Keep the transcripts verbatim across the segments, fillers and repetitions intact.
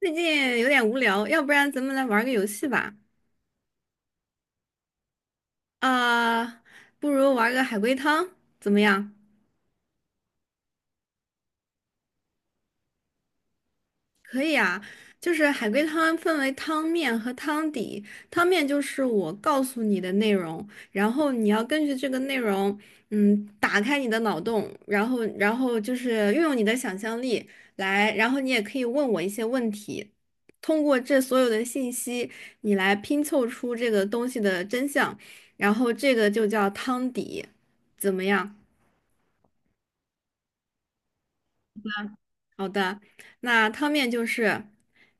最近有点无聊，要不然咱们来玩个游戏吧？啊、不如玩个海龟汤，怎么样？可以啊，就是海龟汤分为汤面和汤底。汤面就是我告诉你的内容，然后你要根据这个内容，嗯，打开你的脑洞，然后，然后就是运用你的想象力来，然后你也可以问我一些问题，通过这所有的信息，你来拼凑出这个东西的真相，然后这个就叫汤底，怎么样？好的，那汤面就是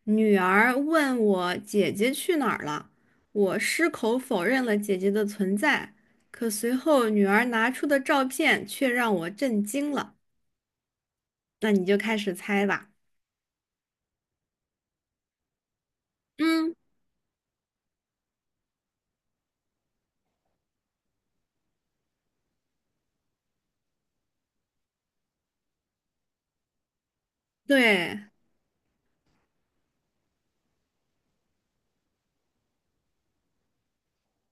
女儿问我姐姐去哪儿了，我矢口否认了姐姐的存在，可随后女儿拿出的照片却让我震惊了。那你就开始猜吧。嗯。对。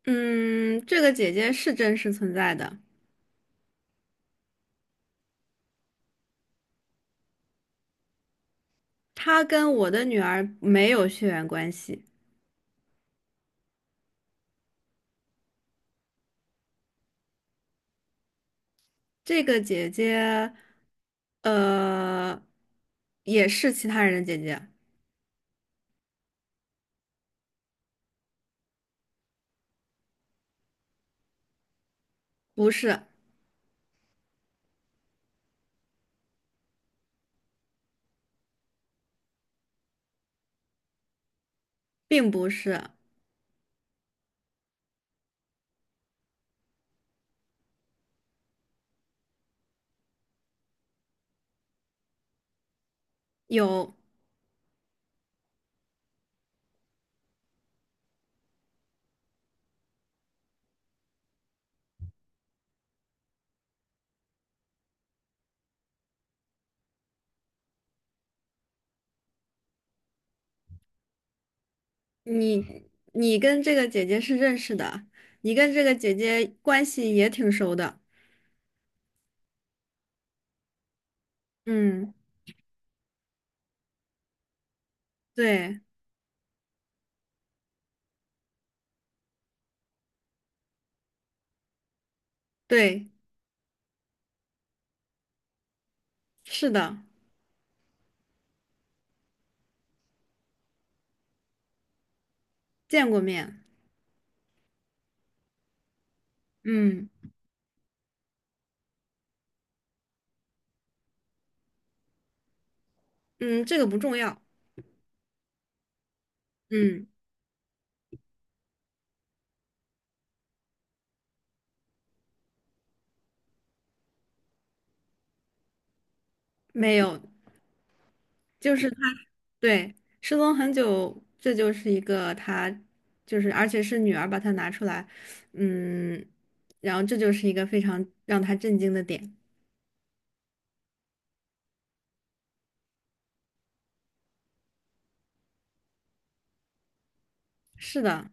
嗯，这个姐姐是真实存在的，她跟我的女儿没有血缘关系。这个姐姐，呃，也是其他人的姐姐，不是，并不是。有。你，你跟这个姐姐是认识的，你跟这个姐姐关系也挺熟的。嗯。对对。是的。见过面。嗯嗯。这个不重要。嗯。没有，就是她，对，失踪很久，这就是一个她，就是而且是女儿把她拿出来，嗯，然后这就是一个非常让她震惊的点。是的。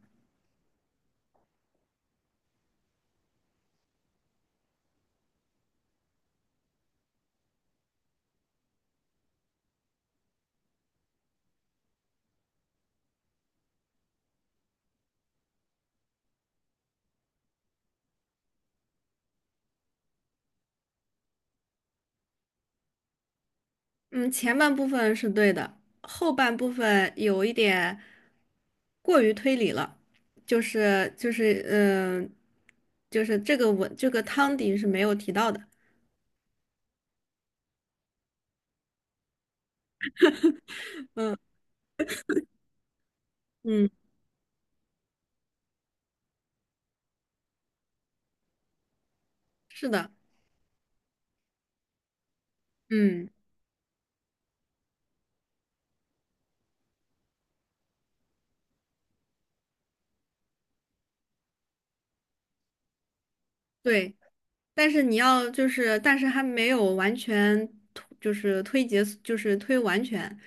嗯，前半部分是对的，后半部分有一点过于推理了，就是就是嗯、呃就是这个文这个汤底是没有提到的。嗯嗯。是的。嗯对。但是你要就是，但是还没有完全推就是推结，就是推完全，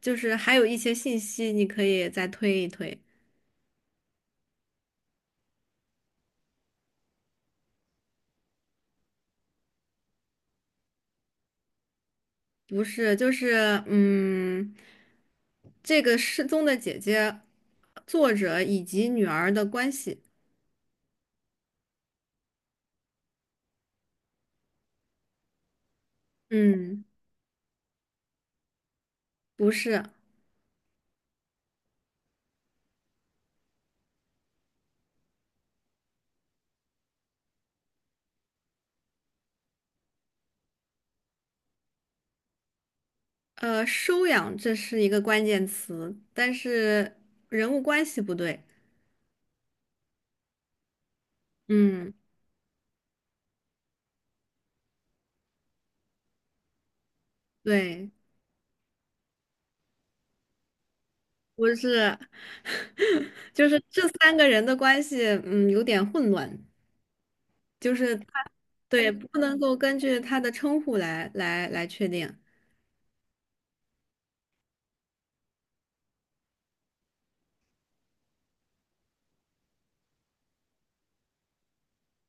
就是还有一些信息你可以再推一推。不是，就是嗯，这个失踪的姐姐，作者以及女儿的关系，嗯。不是，呃，收养这是一个关键词，但是人物关系不对，嗯。对。不是。就是这三个人的关系，嗯，有点混乱，就是他，对，不能够根据他的称呼来来来确定，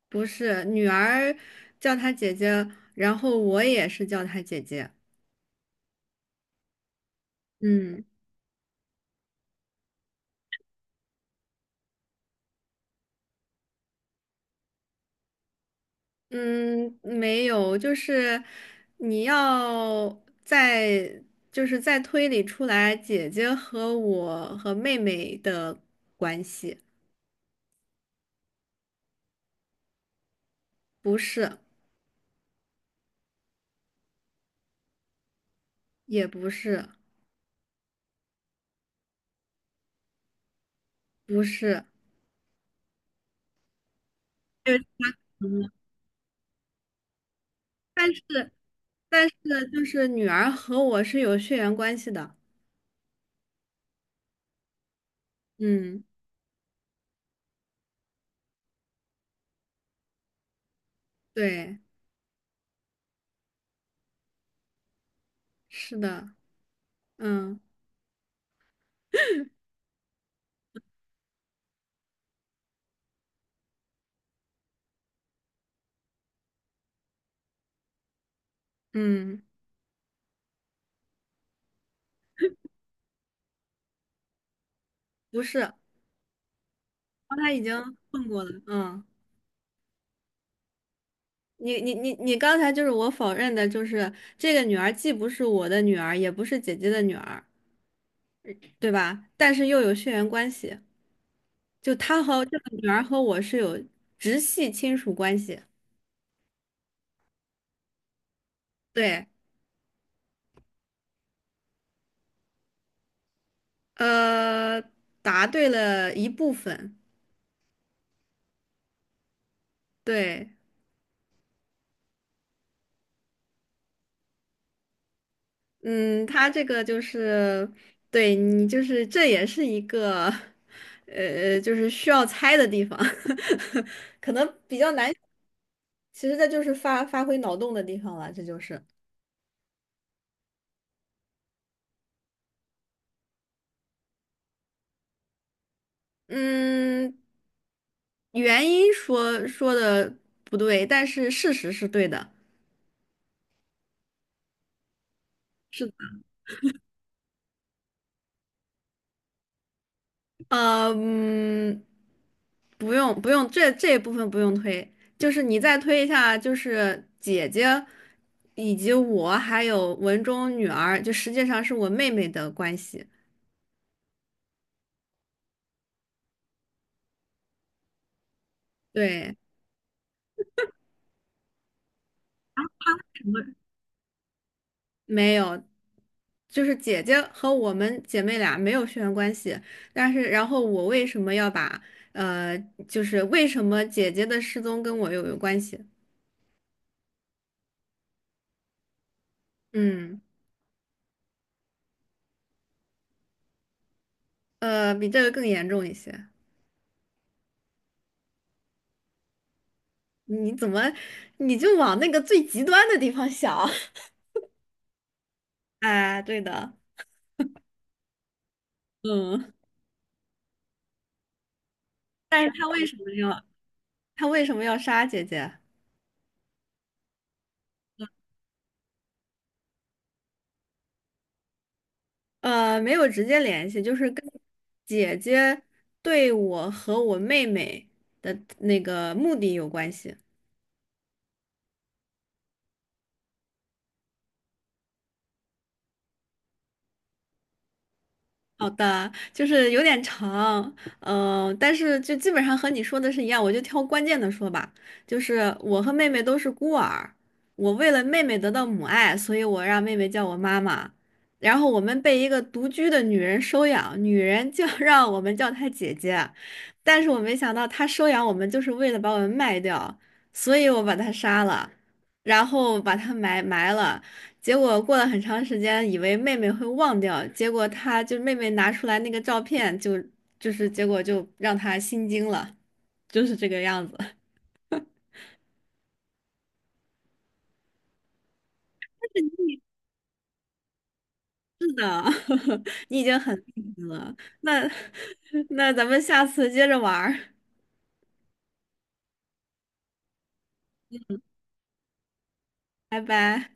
不是，女儿叫她姐姐，然后我也是叫她姐姐。嗯。嗯。没有，就是你要再，就是在推理出来姐姐和我和妹妹的关系，不是，也不是，不是，对，但是但是就是女儿和我是有血缘关系的，嗯对。是的。嗯。嗯。不是。刚才已经问过了，嗯，你你你你刚才就是我否认的，就是这个女儿既不是我的女儿，也不是姐姐的女儿，对吧？但是又有血缘关系，就她和这个女儿和我是有直系亲属关系。对。呃，答对了一部分。对。嗯，他这个就是，对你就是这也是一个，呃，就是需要猜的地方，可能比较难。其实这就是发发挥脑洞的地方了，这就是。嗯，原因说说的不对，但是事实是对的。是的。呃，嗯，不用不用，这这一部分不用推，就是你再推一下，就是姐姐以及我还有文中女儿，就实际上是我妹妹的关系。对。没有，就是姐姐和我们姐妹俩没有血缘关系，但是然后我为什么要把呃，就是为什么姐姐的失踪跟我又有关系？嗯，呃，比这个更严重一些。你怎么，你就往那个最极端的地方想？哎，对的。嗯，但是他为什么要他为什么要杀姐姐？呃，没有直接联系，就是跟姐姐对我和我妹妹的那个目的有关系。好的，就是有点长，嗯、但是就基本上和你说的是一样，我就挑关键的说吧。就是我和妹妹都是孤儿，我为了妹妹得到母爱，所以我让妹妹叫我妈妈。然后我们被一个独居的女人收养，女人就 让我们叫她姐姐，但是我没想到她收养我们就是为了把我们卖掉，所以我把她杀了，然后把她埋埋了。结果过了很长时间，以为妹妹会忘掉，结果她就妹妹拿出来那个照片就，就是结果就让她心惊了，就是这个样子 啊，你已经很厉害了，那 那咱们下次接着玩儿，拜拜。